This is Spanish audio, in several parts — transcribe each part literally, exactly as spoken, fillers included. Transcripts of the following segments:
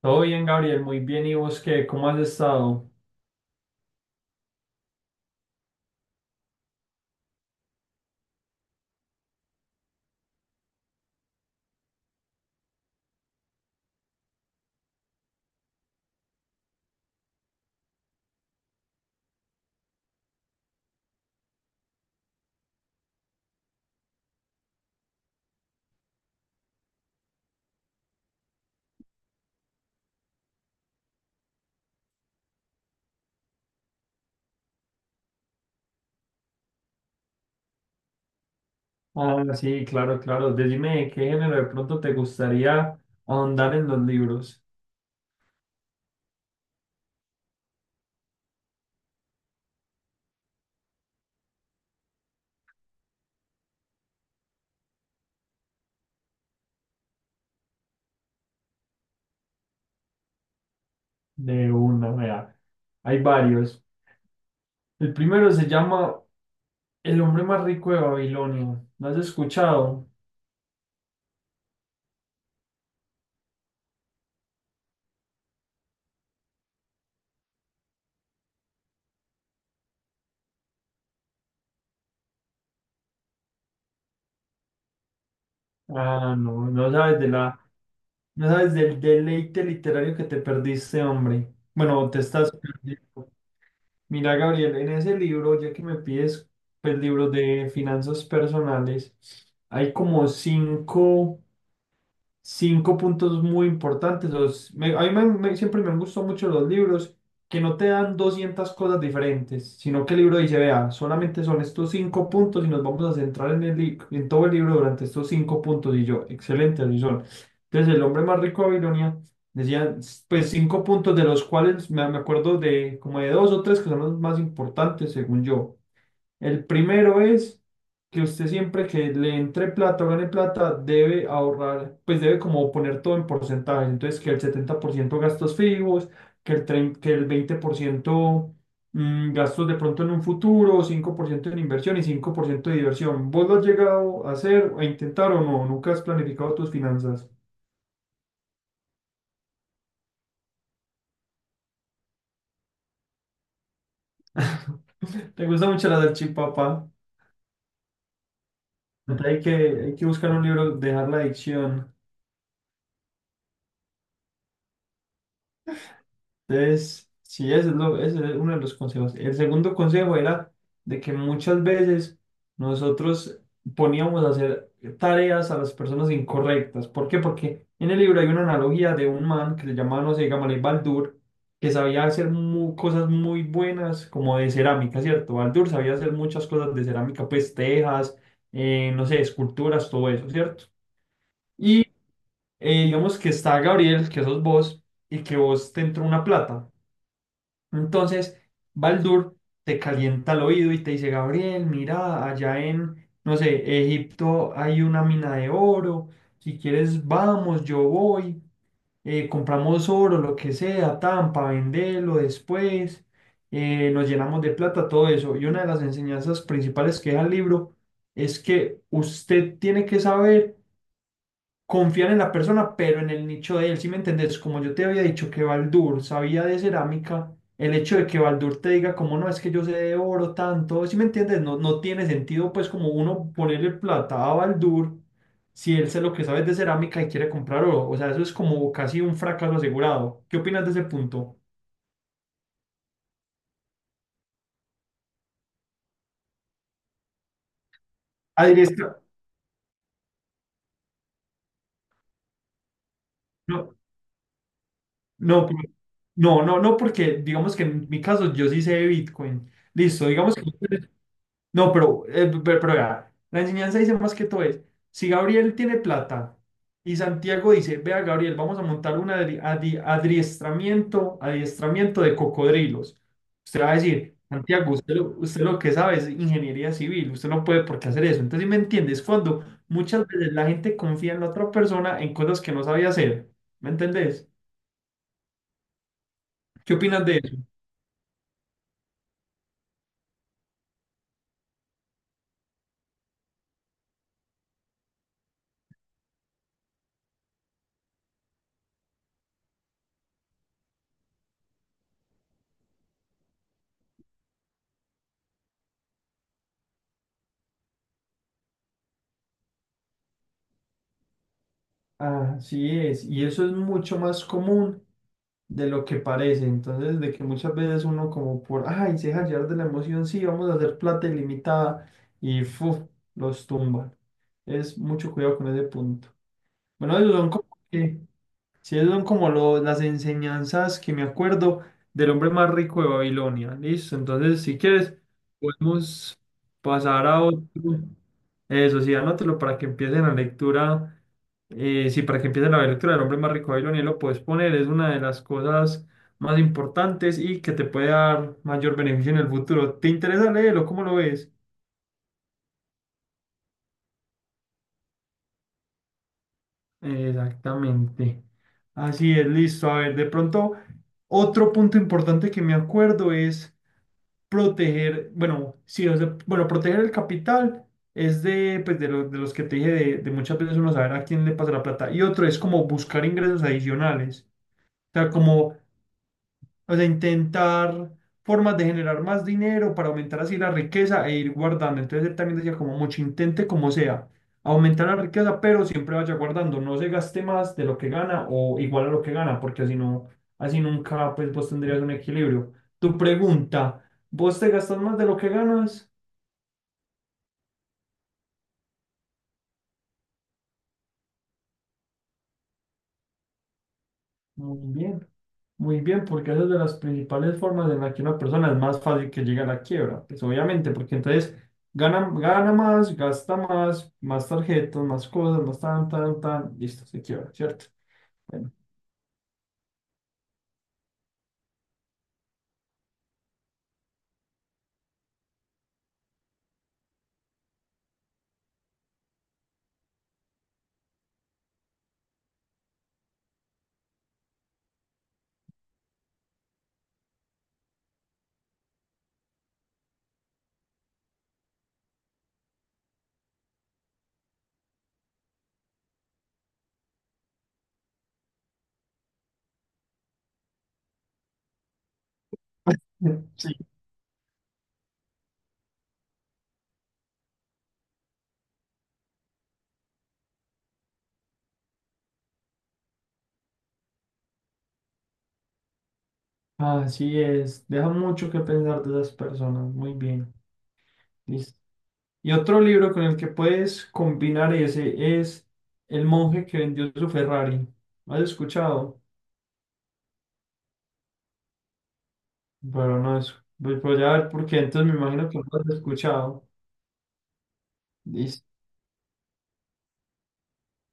Todo bien, Gabriel, muy bien. ¿Y vos qué? ¿Cómo has estado? Ah, sí, claro, claro. Decime de qué género de pronto te gustaría ahondar en los libros. De una, vea. Hay varios. El primero se llama El hombre más rico de Babilonia. ¿Lo has escuchado? Ah, no, no sabes de la, no sabes del deleite literario que te perdiste, hombre. Bueno, te estás perdiendo. Mira, Gabriel, en ese libro, ya que me pides el libro de finanzas personales, hay como cinco cinco puntos muy importantes. Los, me- a mí me- me- siempre me han gustado mucho los libros que no te dan doscientas cosas diferentes, sino que el libro dice, vea, solamente son estos cinco puntos y nos vamos a centrar en, el, li- en todo el libro durante estos cinco puntos. Y yo, excelente, así son. Entonces, el hombre más rico de Babilonia decía, pues cinco puntos de los cuales me, me acuerdo de como de dos o tres que son los más importantes, según yo. El primero es que usted siempre que le entre plata o gane plata debe ahorrar, pues debe como poner todo en porcentaje. Entonces que el setenta por ciento gastos fijos, que el, trein- que el veinte por ciento mm, gastos de pronto en un futuro, cinco por ciento en inversión y cinco por ciento de diversión. ¿Vos lo has llegado a hacer, a intentar o no? ¿Nunca has planificado tus finanzas? ¿Te gusta mucho la salchipapa? Hay que, hay que buscar un libro, dejar la adicción. Entonces, sí, ese es, lo- ese es uno de los consejos. El segundo consejo era de que muchas veces nosotros poníamos a hacer tareas a las personas incorrectas. ¿Por qué? Porque en el libro hay una analogía de un man que se llamaba, no sé, Gamalei Baldur, que sabía hacer mu- cosas muy buenas como de cerámica, ¿cierto? Baldur sabía hacer muchas cosas de cerámica, pues tejas, eh, no sé, esculturas, todo eso, ¿cierto? Y eh, digamos que está Gabriel, que sos vos, y que vos te entró una plata. Entonces, Baldur te calienta el oído y te dice, Gabriel, mira, allá en, no sé, Egipto hay una mina de oro, si quieres vamos, yo voy, eh, compramos oro, lo que sea, tan, para venderlo después, eh, nos llenamos de plata, todo eso. Y una de las enseñanzas principales que deja el libro es que usted tiene que saber confiar en la persona, pero en el nicho de él, ¿sí me entendés? Como yo te había dicho que Baldur sabía de cerámica, el hecho de que Baldur te diga como no, es que yo sé de oro tanto, ¿sí me entiendes? No, no tiene sentido pues como uno ponerle plata a Baldur si él sé lo que sabe de cerámica y quiere comprar oro, o sea, eso es como casi un fracaso asegurado. ¿Qué opinas de ese punto? Adri, es que- no, no, pero- no, no, no, porque digamos que en mi caso yo sí sé de Bitcoin. Listo, digamos que... No, pero, eh, pe- pero, vea, la enseñanza dice más que todo es, si Gabriel tiene plata y Santiago dice, vea, Gabriel, vamos a montar un adri- adi- adiestramiento, adiestramiento de cocodrilos. Usted va a decir, Santiago, usted lo, usted lo que sabe es ingeniería civil, usted no puede por qué hacer eso. Entonces, ¿sí? ¿Me entiendes? Cuando muchas veces la gente confía en la otra persona en cosas que no sabía hacer, ¿me entendés? ¿Qué opinas de eso? Así es, y eso es mucho más común de lo que parece. Entonces, de que muchas veces uno como por, ay, se deja llevar de la emoción, sí, vamos a hacer plata ilimitada y fuf, los tumban. Es mucho cuidado con ese punto. Bueno, esos son como que, sí, esos son como lo- las enseñanzas que me acuerdo del hombre más rico de Babilonia. Listo, entonces, si quieres, podemos pasar a otro. Eso sí, anótelo para que empiece la lectura eh, sí, para que empiece la lectura del hombre más rico de Babilonia, lo puedes poner, es una de las cosas más importantes y que te puede dar mayor beneficio en el futuro. ¿Te interesa leerlo? ¿Cómo lo ves? Exactamente. Así es, listo. A ver, de pronto, otro punto importante que me acuerdo es proteger, bueno, sí, o sea, bueno, proteger el capital es de, pues, de, lo- de los que te dije, de, de muchas veces uno saber a quién le pasa la plata. Y otro es como buscar ingresos adicionales. O sea, como O sea, intentar formas de generar más dinero para aumentar así la riqueza e ir guardando. Entonces él también decía como mucho intente como sea, aumentar la riqueza, pero siempre vaya guardando, no se gaste más de lo que gana o igual a lo que gana, porque así no, así nunca pues vos tendrías un equilibrio. Tu pregunta, ¿vos te gastas más de lo que ganas? Muy bien. Muy bien, porque esa es de las principales formas en la que una persona es más fácil que llegue a la quiebra. Pues obviamente, porque entonces gana, gana más, gasta más, más tarjetas, más cosas, más tan, tan, tan, listo, se quiebra, ¿cierto? Bueno, Sí, así es. Deja mucho que pensar de esas personas. Muy bien, listo. Y otro libro con el que puedes combinar ese es El monje que vendió su Ferrari. ¿Has escuchado? Pero no es. Voy voy a ver por qué, entonces me imagino que no lo has escuchado. Listo.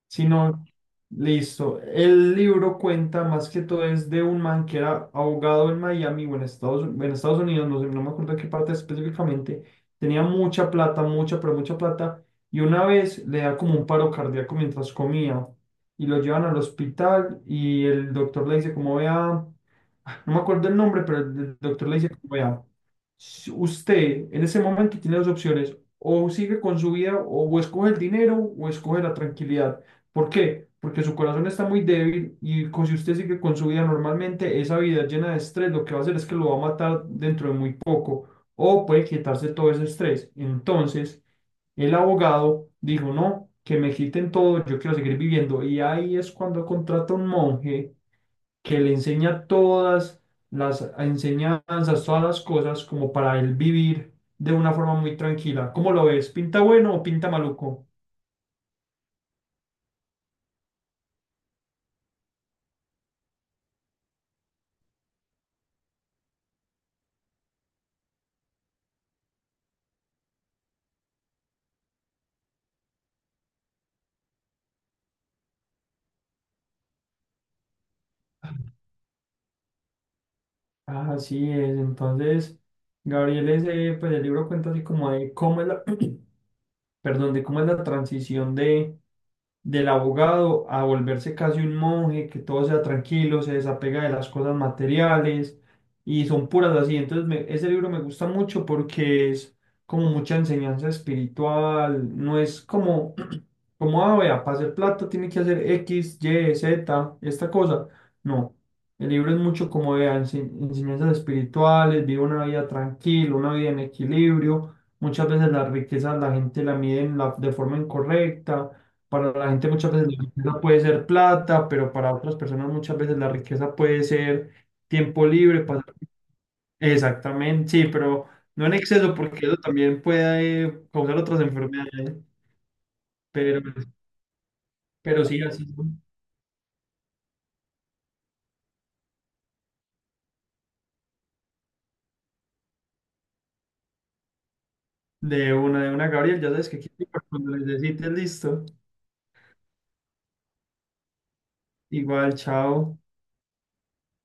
Si no, listo. El libro cuenta más que todo es de un man que era abogado en Miami o en Estados, en Estados Unidos, no sé, no me acuerdo qué parte específicamente. Tenía mucha plata, mucha, pero mucha plata. Y una vez le da como un paro cardíaco mientras comía. Y lo llevan al hospital y el doctor le dice como vea, no me acuerdo el nombre, pero el el doctor le dice como vea. si Usted en ese momento tiene dos opciones, o sigue con su vida, o, o escoge el dinero, o escoge la tranquilidad. ¿Por qué? Porque su corazón está muy débil y co- si usted sigue con su vida normalmente, esa vida llena de estrés lo que va a hacer es que lo va a matar dentro de muy poco, o puede quitarse todo ese estrés. Entonces, el abogado dijo, no, que me quiten todo, yo quiero seguir viviendo. Y ahí es cuando contrata un monje que le enseña todas las enseñanzas, todas las cosas como para él vivir de una forma muy tranquila. ¿Cómo lo ves? ¿Pinta bueno o pinta maluco? Así es, entonces Gabriel ese, pues el libro cuenta así como de cómo es la, perdón, de cómo es la transición de del abogado a volverse casi un monje, que todo sea tranquilo, se desapega de las cosas materiales y son puras así. Entonces, me- ese libro me gusta mucho porque es como mucha enseñanza espiritual, no es como, como, ah, vea, para hacer plata tiene que hacer X Y Z, esta cosa. No. El libro es mucho como de enseñanzas espirituales, vive una vida tranquila, una vida en equilibrio. Muchas veces la riqueza la gente la mide en la- de forma incorrecta. Para la gente muchas veces la riqueza puede ser plata, pero para otras personas muchas veces la riqueza puede ser tiempo libre. pasar- Exactamente, sí, pero no en exceso porque eso también puede eh, causar otras enfermedades. Pero, pero sí, así son. De una, de una, Gabriel, ya sabes que aquí estoy para cuando necesites, listo. Igual, chao.